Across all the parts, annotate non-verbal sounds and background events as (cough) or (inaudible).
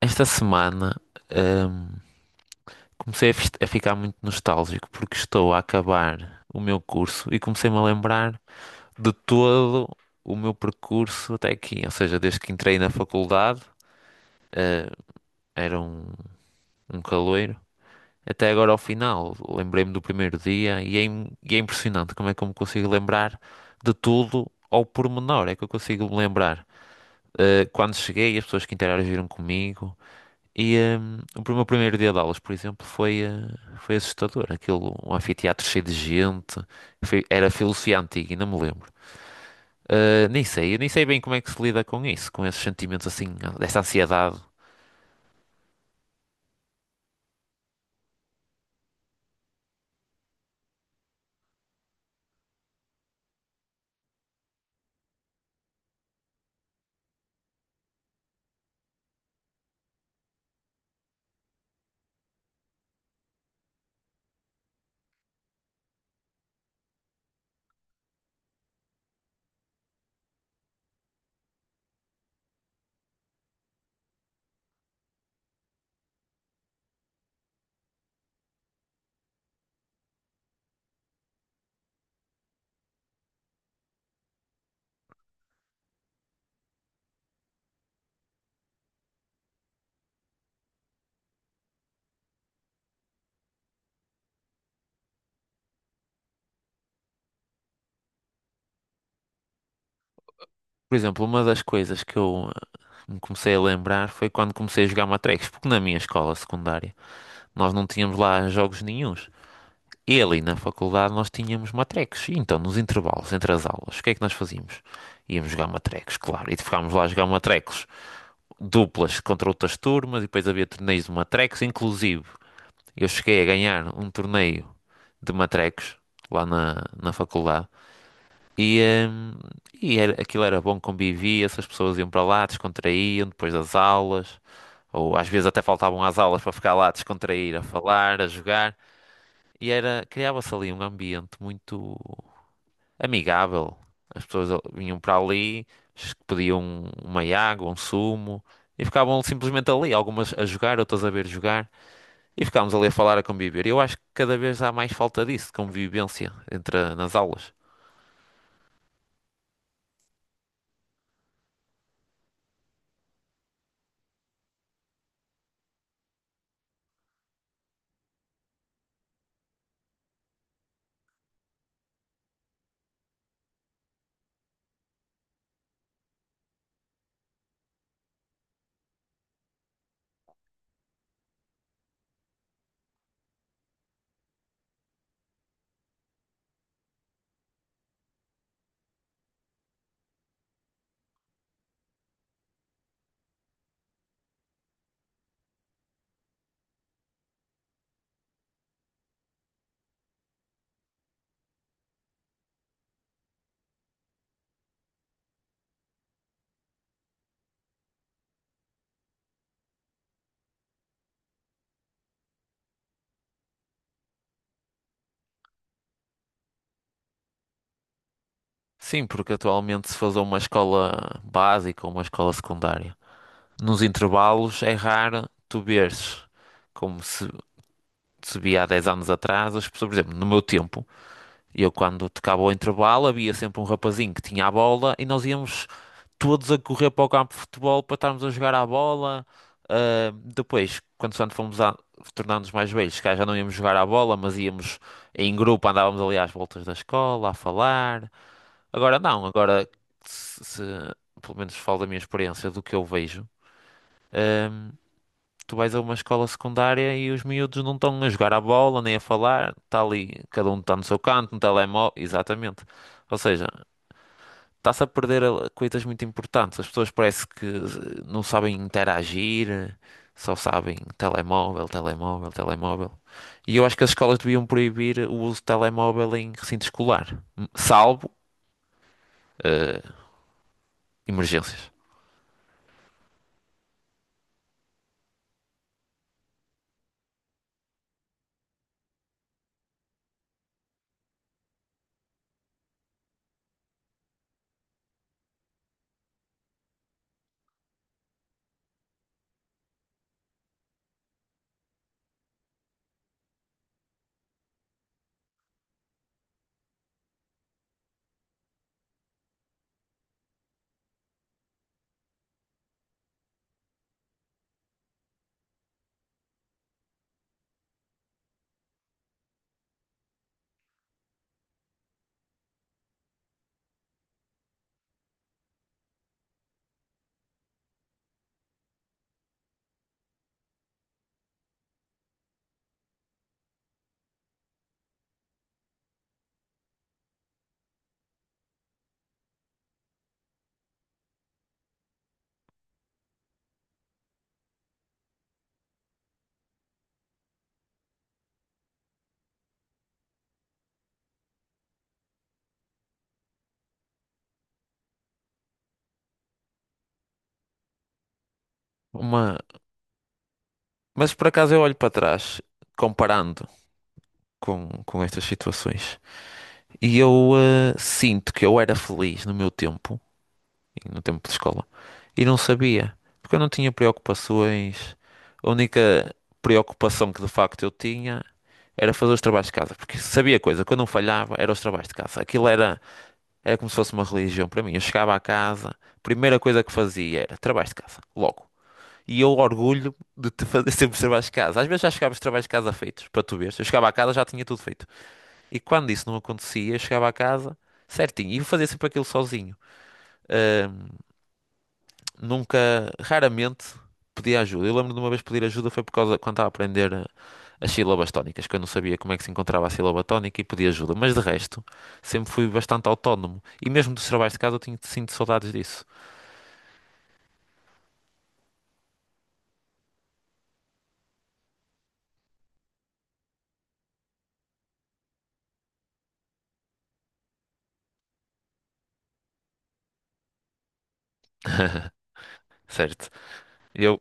Esta semana, ahm, comecei a, a ficar muito nostálgico porque estou a acabar o meu curso e comecei-me a lembrar de todo o meu percurso até aqui. Ou seja, desde que entrei na faculdade, ah, era um caloiro, até agora ao final. Lembrei-me do primeiro dia e e é impressionante como é que eu me consigo lembrar de tudo ao pormenor. É que eu consigo me lembrar. Quando cheguei, as pessoas que interagiram comigo. E hum, o meu primeiro dia de aulas, por exemplo, foi, foi assustador. Aquilo, um anfiteatro cheio de gente. Era filosofia antiga, ainda me lembro. Nem sei, eu nem sei bem como é que se lida com isso, com esses sentimentos assim, dessa ansiedade. Por exemplo, uma das coisas que eu me comecei a lembrar foi quando comecei a jogar matrecos, porque na minha escola secundária nós não tínhamos lá jogos nenhuns. E ali na faculdade nós tínhamos matrecos, e então nos intervalos entre as aulas, o que é que nós fazíamos? Íamos jogar matrecos, claro, e ficámos lá a jogar matrecos, duplas contra outras turmas, e depois havia torneios de matrecos. Inclusive, eu cheguei a ganhar um torneio de matrecos lá na, na faculdade. E, hum, e aquilo era bom, convivia-se, as pessoas iam para lá, descontraíam depois das aulas, ou às vezes até faltavam às aulas para ficar lá a descontrair, a falar, a jogar. E era, criava-se ali um ambiente muito amigável. As pessoas vinham para ali, pediam uma água, um sumo, e ficavam simplesmente ali, algumas a jogar, outras a ver jogar, e ficávamos ali a falar, a conviver. Eu acho que cada vez há mais falta disso, de convivência nas aulas. Sim, porque atualmente se faz uma escola básica ou uma escola secundária. Nos intervalos é raro tu veres como se via há 10 anos atrás, as pessoas, por exemplo, no meu tempo, eu quando tocava o intervalo havia sempre um rapazinho que tinha a bola, e nós íamos todos a correr para o campo de futebol para estarmos a jogar à bola. Ah, depois, quando quando fomos a tornar-nos mais velhos, se calhar já não íamos jogar à bola, mas íamos em grupo, andávamos ali às voltas da escola a falar. Agora não. Agora se, se- pelo menos falo da minha experiência, do que eu vejo. ah, Tu vais a uma escola secundária e os miúdos não estão a jogar à bola nem a falar, está ali, cada um está no seu canto, no telemóvel, exatamente. Ou seja, Está-se a perder coisas muito importantes. As pessoas parece que não sabem interagir, só sabem telemóvel, telemóvel, telemóvel. E eu acho que as escolas deviam proibir o uso de telemóvel em recinto escolar, salvo eh, emergências. Uma... Mas por acaso eu olho para trás, comparando com estas situações, e eu, sinto que eu era feliz no meu tempo, no tempo de escola. E não sabia, porque eu não tinha preocupações. A única preocupação que de facto eu tinha era fazer os trabalhos de casa, porque sabia coisa, quando eu não falhava era os trabalhos de casa. Aquilo era, era como se fosse uma religião para mim. Eu chegava à casa, a primeira coisa que fazia era trabalhos de casa, logo. E eu orgulho de te fazer (laughs) sempre os trabalhos de casa. Às vezes já chegava os trabalhos de casa feitos, para tu veres. Eu chegava à casa já tinha tudo feito. E quando isso não acontecia, eu chegava à casa certinho e fazia sempre aquilo sozinho. Nunca, raramente pedi ajuda. Eu lembro de uma vez pedir ajuda, foi por causa quando estava a aprender, as sílabas tónicas, que eu não sabia como é que se encontrava a sílaba tónica, e pedi ajuda. Mas de resto, sempre fui bastante autónomo. E mesmo dos trabalhos de casa eu tinha, sinto saudades disso. (laughs) Certo. Eu,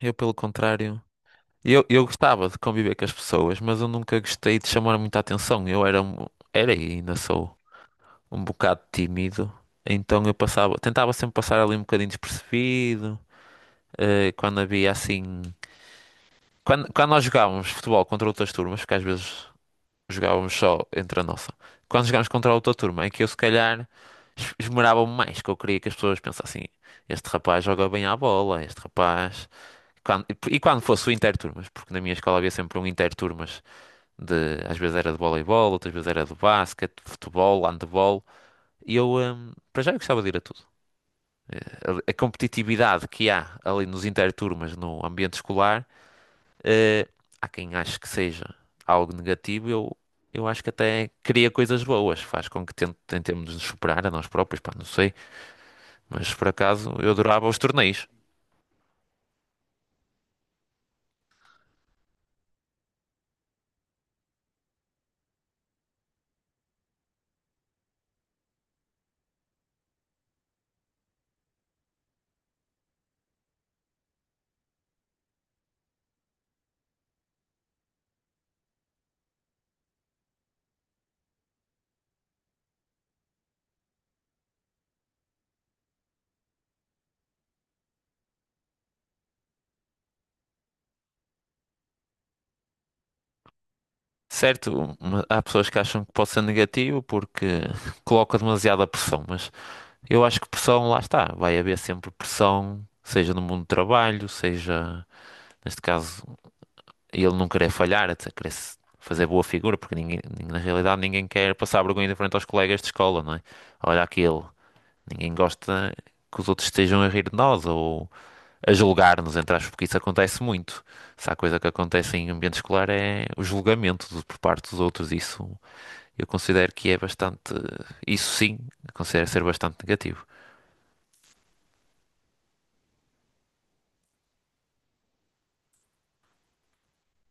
eu pelo contrário, eu gostava de conviver com as pessoas, mas eu nunca gostei de chamar muita atenção. Era e ainda sou um bocado tímido, então eu passava, tentava sempre passar ali um bocadinho despercebido, quando havia assim. Quando nós jogávamos futebol contra outras turmas, porque às vezes jogávamos só entre a nossa, quando jogávamos contra outra turma, é que eu se calhar esmerava-me mais, que eu queria que as pessoas pensassem, este rapaz joga bem à bola, este rapaz. E quando fosse o interturmas, porque na minha escola havia sempre um interturmas de, às vezes era de voleibol, outras vezes era de basquete, futebol, handebol, e eu, para já eu gostava de ir a tudo. A competitividade que há ali nos interturmas no ambiente escolar. Eh, Há quem ache que seja algo negativo. Eu acho que até cria coisas boas, faz com que tentemos nos superar a nós próprios, pá, não sei, mas por acaso eu adorava os torneios. Certo, há pessoas que acham que pode ser negativo porque (laughs) coloca demasiada pressão, mas eu acho que pressão, lá está, vai haver sempre pressão, seja no mundo do trabalho, seja, neste caso, e ele não querer falhar, até querer fazer boa figura, porque na realidade ninguém quer passar vergonha de frente aos colegas de escola, não é? Olha aquilo, ninguém gosta que os outros estejam a rir de nós ou a julgar-nos, entre aspas, porque isso acontece muito. Se há coisa que acontece em ambiente escolar é o julgamento por parte dos outros, isso eu considero que é bastante, isso sim, considero ser bastante negativo.